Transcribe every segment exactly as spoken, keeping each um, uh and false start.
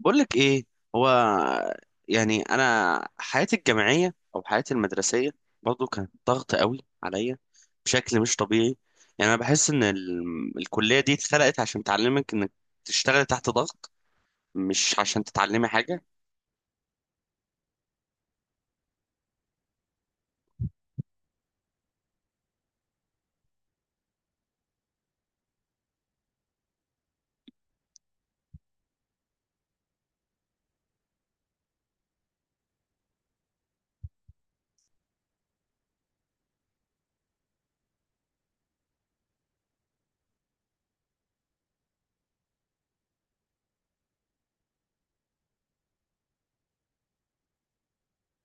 بقول لك ايه. هو يعني انا حياتي الجامعيه او حياتي المدرسيه برضو كانت ضغط قوي عليا بشكل مش طبيعي. يعني انا بحس ان ال- الكليه دي اتخلقت عشان تعلمك انك تشتغل تحت ضغط، مش عشان تتعلمي حاجه.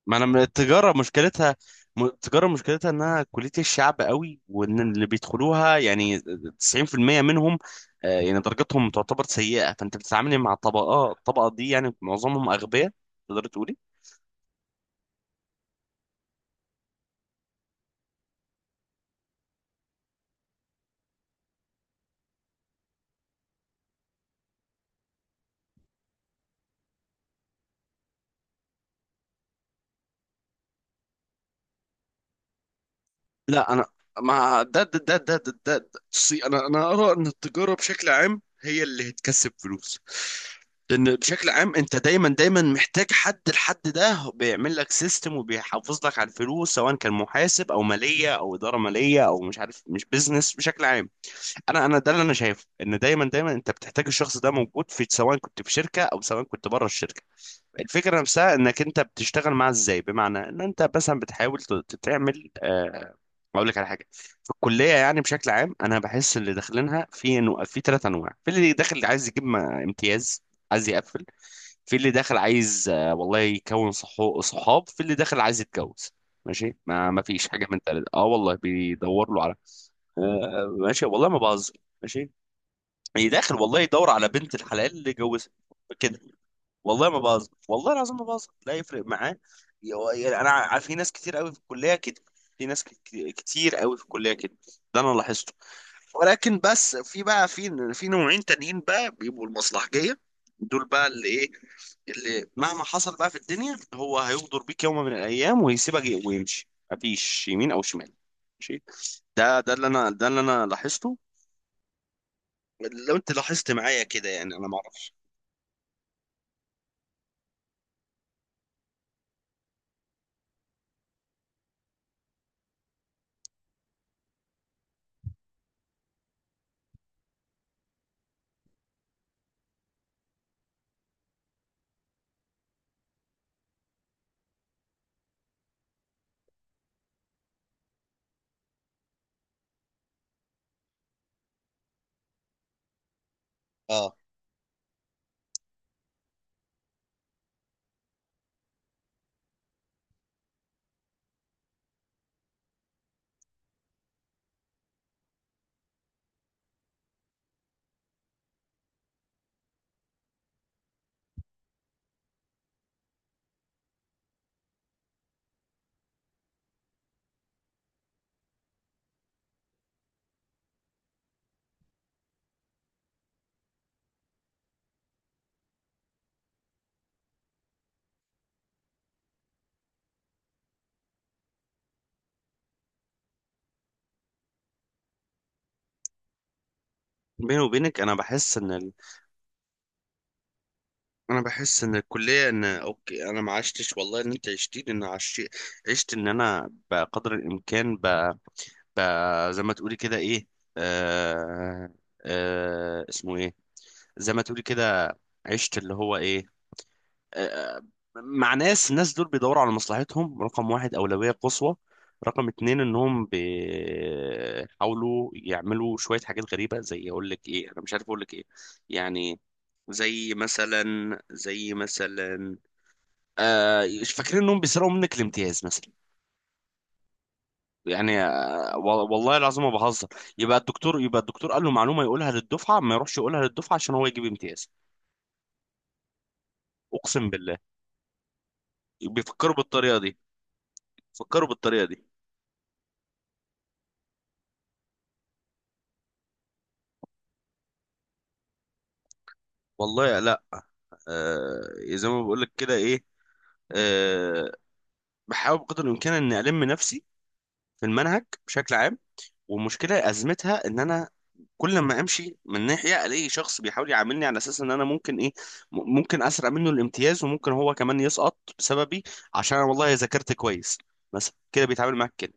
ما انا من التجاره مشكلتها، م- التجاره مشكلتها انها كليه الشعب قوي، وان اللي بيدخلوها يعني تسعين في المية منهم. آه، يعني درجتهم تعتبر سيئه، فانت بتتعاملي مع طبقات الطبقه دي. يعني معظمهم اغبياء، تقدر تقول. لا انا مع ده ده ده ده ده, ده, ده. بصي، انا انا ارى ان التجاره بشكل عام هي اللي هتكسب فلوس، لان بشكل عام انت دايما دايما محتاج حد. الحد ده بيعمل لك سيستم وبيحافظ لك على الفلوس، سواء كان محاسب او ماليه او اداره ماليه او مش عارف، مش بيزنس بشكل عام. انا انا ده اللي انا شايفه، ان دايما دايما انت بتحتاج الشخص ده موجود، في سواء كنت في شركه او سواء كنت بره الشركه. الفكرة نفسها انك انت بتشتغل معاه ازاي، بمعنى ان انت مثلا بتحاول ت- تعمل آه، اقول لك على حاجة. في الكلية يعني بشكل عام، انا بحس اللي داخلينها في انه في ثلاث انواع. في اللي داخل عايز يجيب م- امتياز، عايز يقفل. في اللي داخل عايز آه، والله يكون صحو- صحاب. في اللي داخل عايز يتجوز. ماشي، ما ما فيش حاجة من ثلاثة. اه والله بيدور له على آه، ماشي، والله ما بهزر، ماشي. اللي داخل والله يدور على بنت الحلال اللي يجوزها، كده. والله ما بهزر، والله العظيم ما بهزر، لا يفرق معاه. يو- يعني انا ع- في ناس كتير قوي في الكليه كده. في ناس ك- ك- كتير قوي في الكليه كده. ده انا لاحظته. ولكن بس في بقى في في نوعين تانيين بقى، بيبقوا المصلحجيه. دول بقى اللي ايه، اللي مهما حصل بقى في الدنيا هو هيغدر بيك يوم من الايام ويسيبك ي- ويمشي، مفيش يمين او شمال. ماشي. ده ده اللي انا ده اللي انا لاحظته. لو انت لاحظت معايا كده، يعني انا ما اعرفش. اه. بيني وبينك انا بحس ان، انا بحس ان الكليه، ان اوكي انا ما عشتش والله ان انت عشتين. ان عشت، عشت ان انا بقدر الامكان ب... ب... زي ما تقولي كده ايه، آه... آه... اسمه ايه، زي ما تقولي كده، عشت اللي هو ايه، آه... مع ناس. الناس دول بيدوروا على مصلحتهم رقم واحد، اولويه قصوى. رقم اتنين، انهم بيحاولوا يعملوا شويه حاجات غريبه، زي اقول لك ايه، انا مش عارف اقول لك ايه. يعني زي مثلا زي مثلا آه، فاكرين انهم بيسرقوا منك الامتياز مثلا. يعني آه، وال- والله العظيم ما بهزر، يبقى الدكتور يبقى الدكتور قال له معلومه يقولها للدفعه، ما يروحش يقولها للدفعه عشان هو يجيب امتياز. اقسم بالله بيفكروا بالطريقه دي، فكروا بالطريقه دي. والله لا. آه، زي ما بقول لك كده ايه، آه، بحاول بقدر الامكان اني الم نفسي في المنهج بشكل عام. والمشكله ازمتها ان انا كل ما امشي من ناحيه الاقي شخص بيحاول يعاملني على اساس ان انا ممكن ايه، م- ممكن اسرق منه الامتياز، وممكن هو كمان يسقط بسببي عشان انا والله ذاكرت كويس. مثلا كده بيتعامل معاك كده.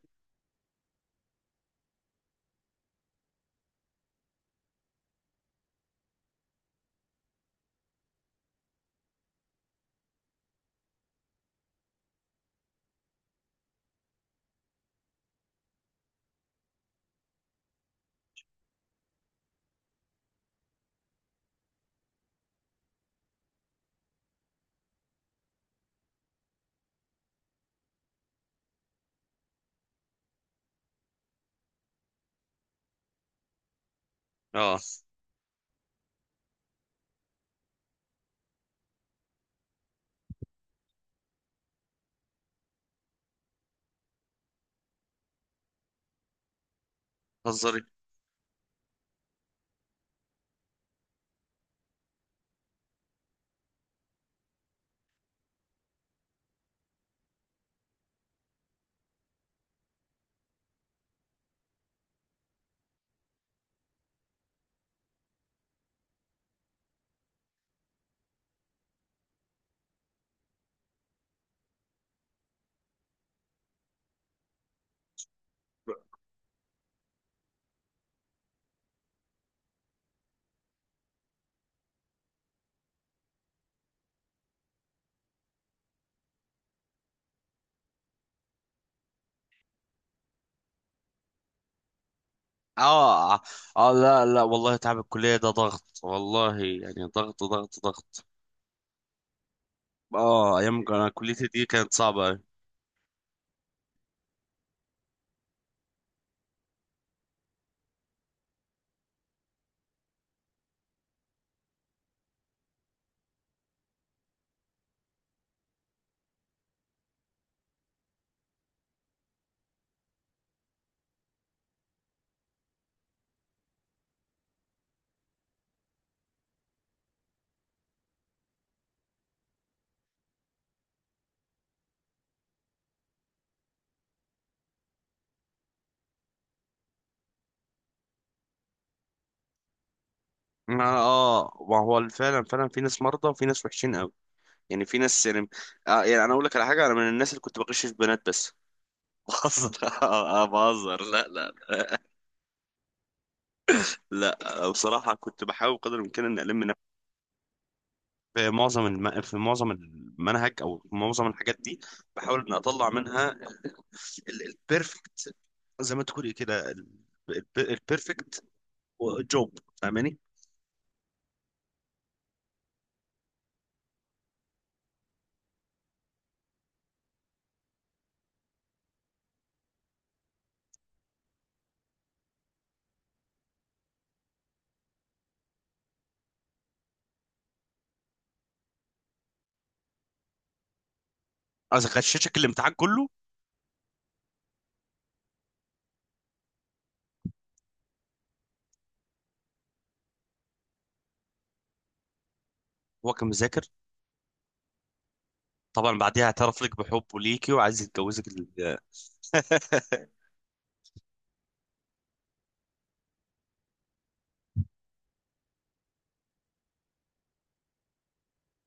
اه، هزاري. اه اه، لا لا والله تعب الكليه ده ضغط، والله يعني ضغط ضغط ضغط. اه ايام انا كليتي دي كانت صعبه أوي. اه، آه، ما هو فعلا، فعلا في ناس مرضى وفي ناس وحشين قوي. يعني في ناس يعني آه يعني، انا اقول لك على حاجه. انا من الناس اللي كنت بغش في بنات بس بهزر آه، بهزر، لا لا. لا بصراحه كنت بحاول قدر الامكان ان الم نفسي في معظم الم... في معظم المنهج، او في معظم الحاجات دي. بحاول ان اطلع منها البيرفكت، زي ما تقولي كده، البيرفكت جوب، فاهماني. عايز اغششك الامتحان كله. هو كان مذاكر. طبعا بعديها اعترف لك بحبه ليكي وعايز يتجوزك ال-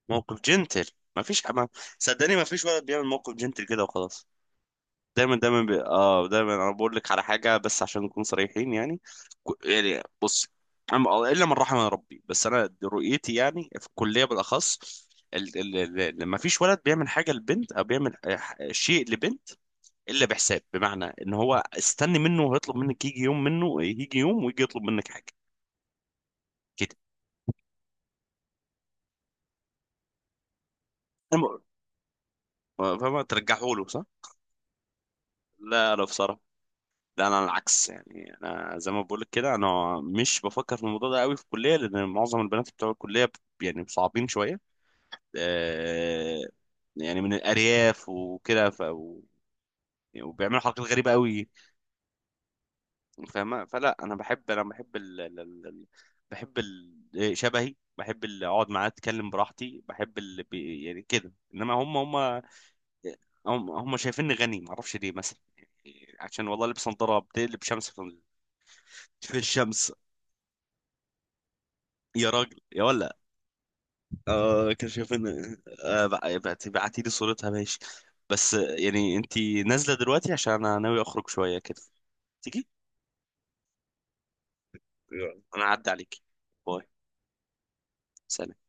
موقف جنتل. ما فيش، ما صدقني ما فيش ولد بيعمل موقف جنتل كده وخلاص. دايما دايما بي... اه دايما انا بقول لك على حاجه، بس عشان نكون صريحين يعني. ك- يعني بص، أما- الا من رحم ربي. بس انا رؤيتي يعني في الكليه بالاخص، ال... ال... ال... ما فيش ولد بيعمل حاجه لبنت، او بيعمل ح- شيء لبنت الا بحساب، بمعنى ان هو استني منه وهيطلب منك، يجي يوم منه يجي يوم ويجي يطلب منك حاجه، كده. أنا- فما ترجعه له، صح. لا لا بصراحه. لا انا العكس، يعني انا زي ما بقولك كده انا مش بفكر في الموضوع ده قوي في الكليه، لان معظم البنات بتوع الكليه ب- يعني صعبين شويه، آه، يعني من الارياف وكده، ف و- يعني وبيعملوا حركات غريبه قوي. فاهمه. فلا انا بحب، انا بحب ال... ال... ال... ال- بحب ال... آه، شبهي. بحب اللي اقعد معاه اتكلم براحتي، بحب اللي بي... يعني كده. انما هم هم هم, هم شايفيني غني، معرفش ليه، مثلا يعني عشان والله لبس نظاره بتقلب شمس في في الشمس. يا راجل يا ولا. آه كان شايف ان آه بع- بعت- بعتي لي صورتها، ماشي. بس آه، يعني انت نازله دلوقتي؟ عشان انا ناوي اخرج شويه كده، تيجي. يلا انا هعدي عليكي، باي. سلام.